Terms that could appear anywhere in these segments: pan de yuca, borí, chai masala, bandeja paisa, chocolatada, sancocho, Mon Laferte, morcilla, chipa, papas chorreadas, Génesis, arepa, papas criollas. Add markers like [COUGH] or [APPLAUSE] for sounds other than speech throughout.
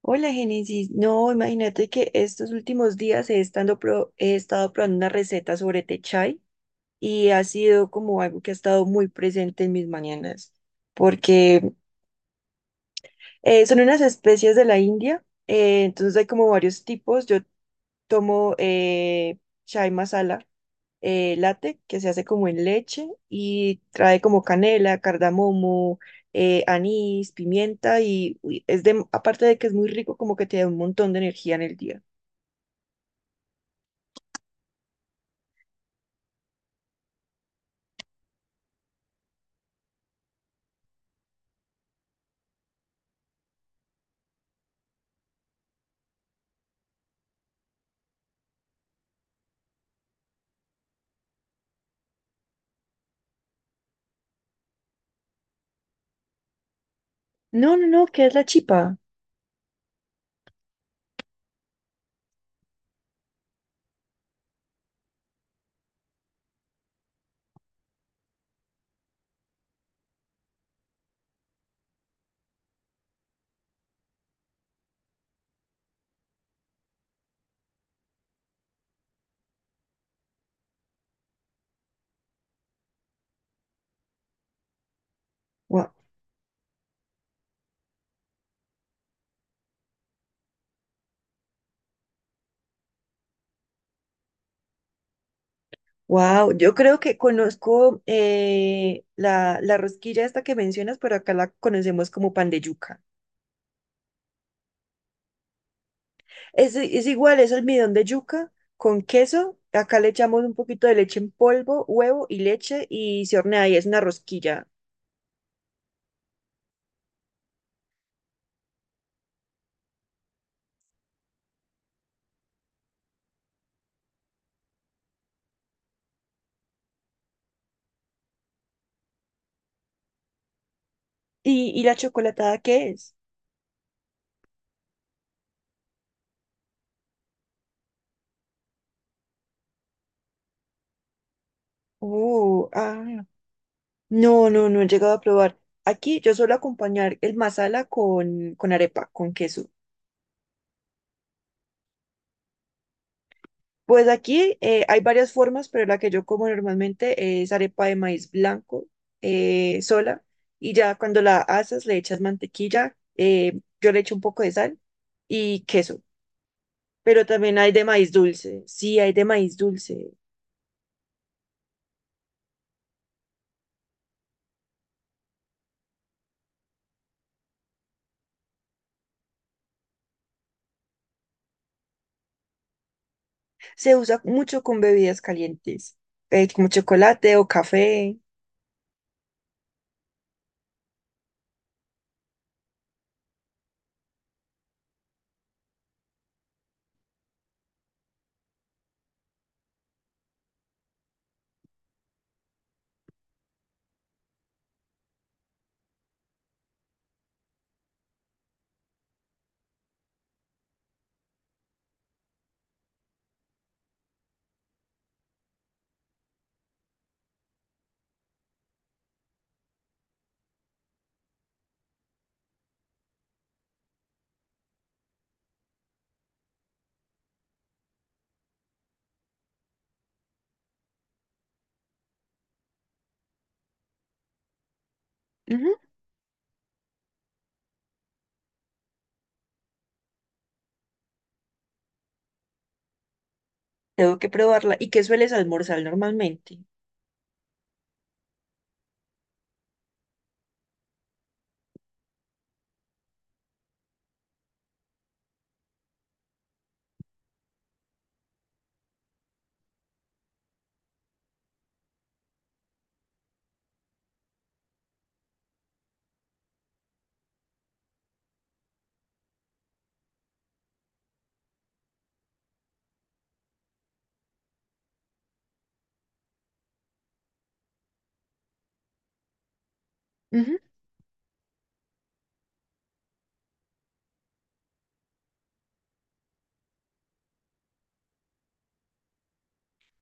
Hola, Génesis. No, imagínate que estos últimos días he estado probando una receta sobre té chai y ha sido como algo que ha estado muy presente en mis mañanas, porque son unas especies de la India, entonces hay como varios tipos. Yo tomo chai masala, latte que se hace como en leche y trae como canela, cardamomo, anís, pimienta y uy, es de, aparte de que es muy rico, como que te da un montón de energía en el día. No, ¿qué es la chipa? Wow, yo creo que conozco la rosquilla esta que mencionas, pero acá la conocemos como pan de yuca. Es igual, es almidón de yuca con queso. Acá le echamos un poquito de leche en polvo, huevo y leche y se hornea y es una rosquilla. Y la chocolatada qué es? Oh, ah, no he llegado a probar. Aquí yo suelo acompañar el masala con arepa, con queso. Pues aquí hay varias formas, pero la que yo como normalmente es arepa de maíz blanco sola. Y ya cuando la haces le echas mantequilla, yo le echo un poco de sal y queso. Pero también hay de maíz dulce. Sí, hay de maíz dulce. Se usa mucho con bebidas calientes, como chocolate o café. Tengo que probarla. ¿Y qué sueles almorzar normalmente? Ujú.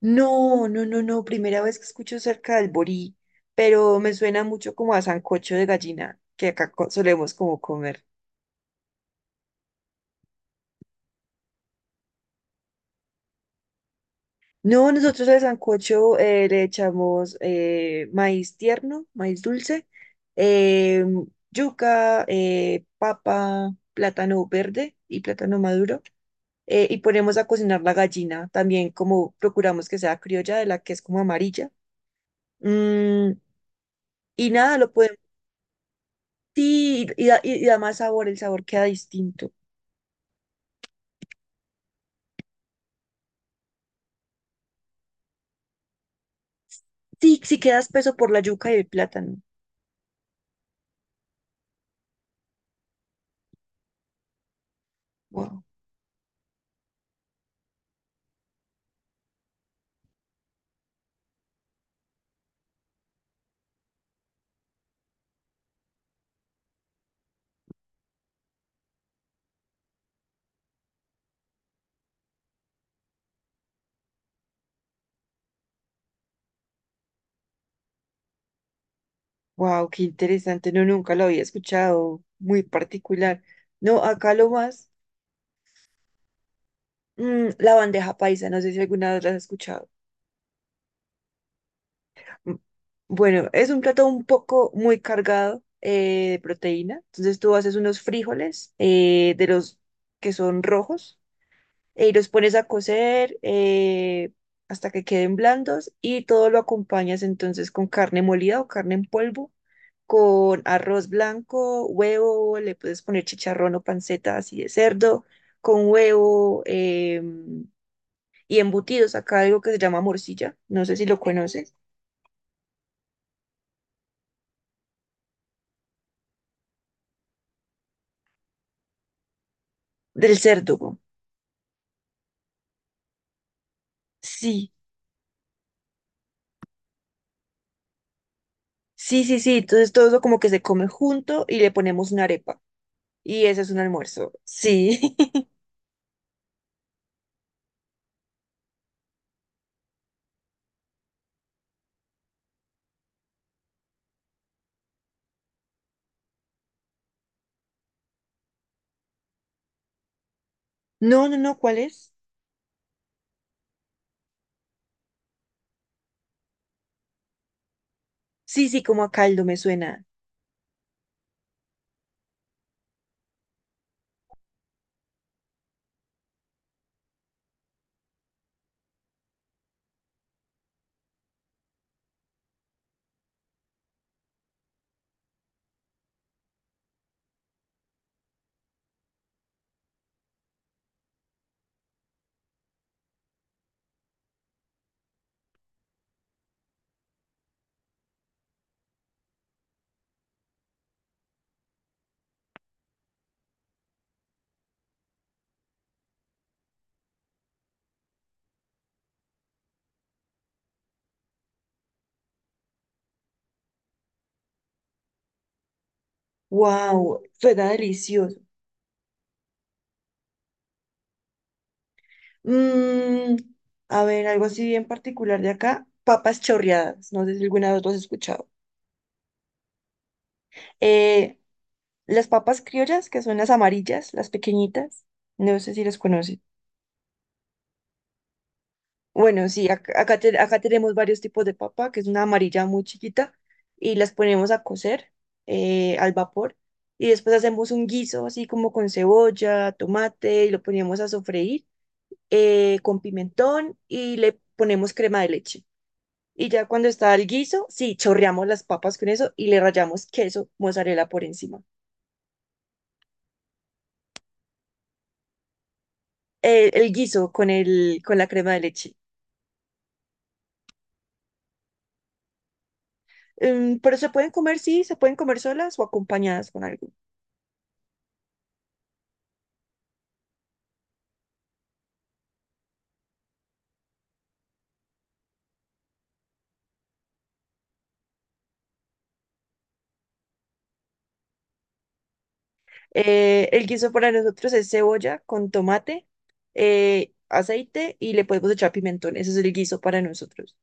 No. Primera vez que escucho cerca del borí, pero me suena mucho como a sancocho de gallina, que solemos como comer. No, nosotros al sancocho le echamos maíz tierno, maíz dulce, eh, yuca, papa, plátano verde y plátano maduro. Y ponemos a cocinar la gallina, también como procuramos que sea criolla, de la que es como amarilla. Mm. Y nada, lo podemos, sí, y da más sabor, el sabor queda distinto. Sí, sí queda espeso por la yuca y el plátano. Wow, wow, qué interesante. No, nunca lo había escuchado. Muy particular. No, acá lo más, mm, la bandeja paisa. No sé si alguna vez la has escuchado. Mm. Bueno, es un plato un poco muy cargado de proteína. Entonces tú haces unos frijoles de los que son rojos. Y los pones a cocer hasta que queden blandos y todo lo acompañas entonces con carne molida o carne en polvo, con arroz blanco, huevo, le puedes poner chicharrón o panceta así de cerdo, con huevo y embutidos. Acá algo que se llama morcilla, no sé si lo conoces, del cerdo. Güey. Sí, sí. Entonces todo eso como que se come junto y le ponemos una arepa. Y ese es un almuerzo. Sí. [LAUGHS] No, ¿cuál es? Sí, sí, como a caldo me suena. Wow, suena delicioso. Mm, a ver, algo así bien particular de acá, papas chorreadas. No sé si alguna vez lo has escuchado. Eh, las papas criollas, que son las amarillas, las pequeñitas, no sé si las conoces. Bueno, sí, acá tenemos varios tipos de papa, que es una amarilla muy chiquita, y las ponemos a cocer al vapor. Y después hacemos un guiso así como con cebolla, tomate, y lo ponemos a sofreír con pimentón y le ponemos crema de leche. Y ya cuando está el guiso, sí, chorreamos las papas con eso y le rallamos queso, mozzarella por encima. Guiso con la crema de leche. Pero se pueden comer, sí, se pueden comer solas o acompañadas con algo. El guiso para nosotros es cebolla con tomate, aceite y le podemos echar pimentón. Ese es el guiso para nosotros.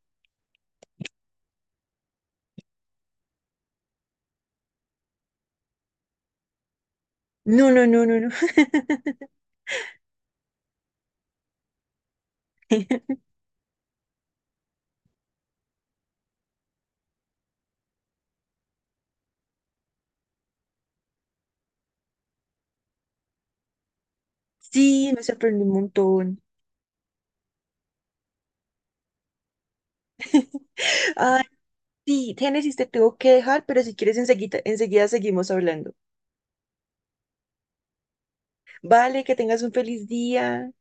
No. [LAUGHS] Sí, me sorprendió un montón. [LAUGHS] Sí, Génesis, te tengo que dejar, pero si quieres enseguida seguimos hablando. Vale, que tengas un feliz día.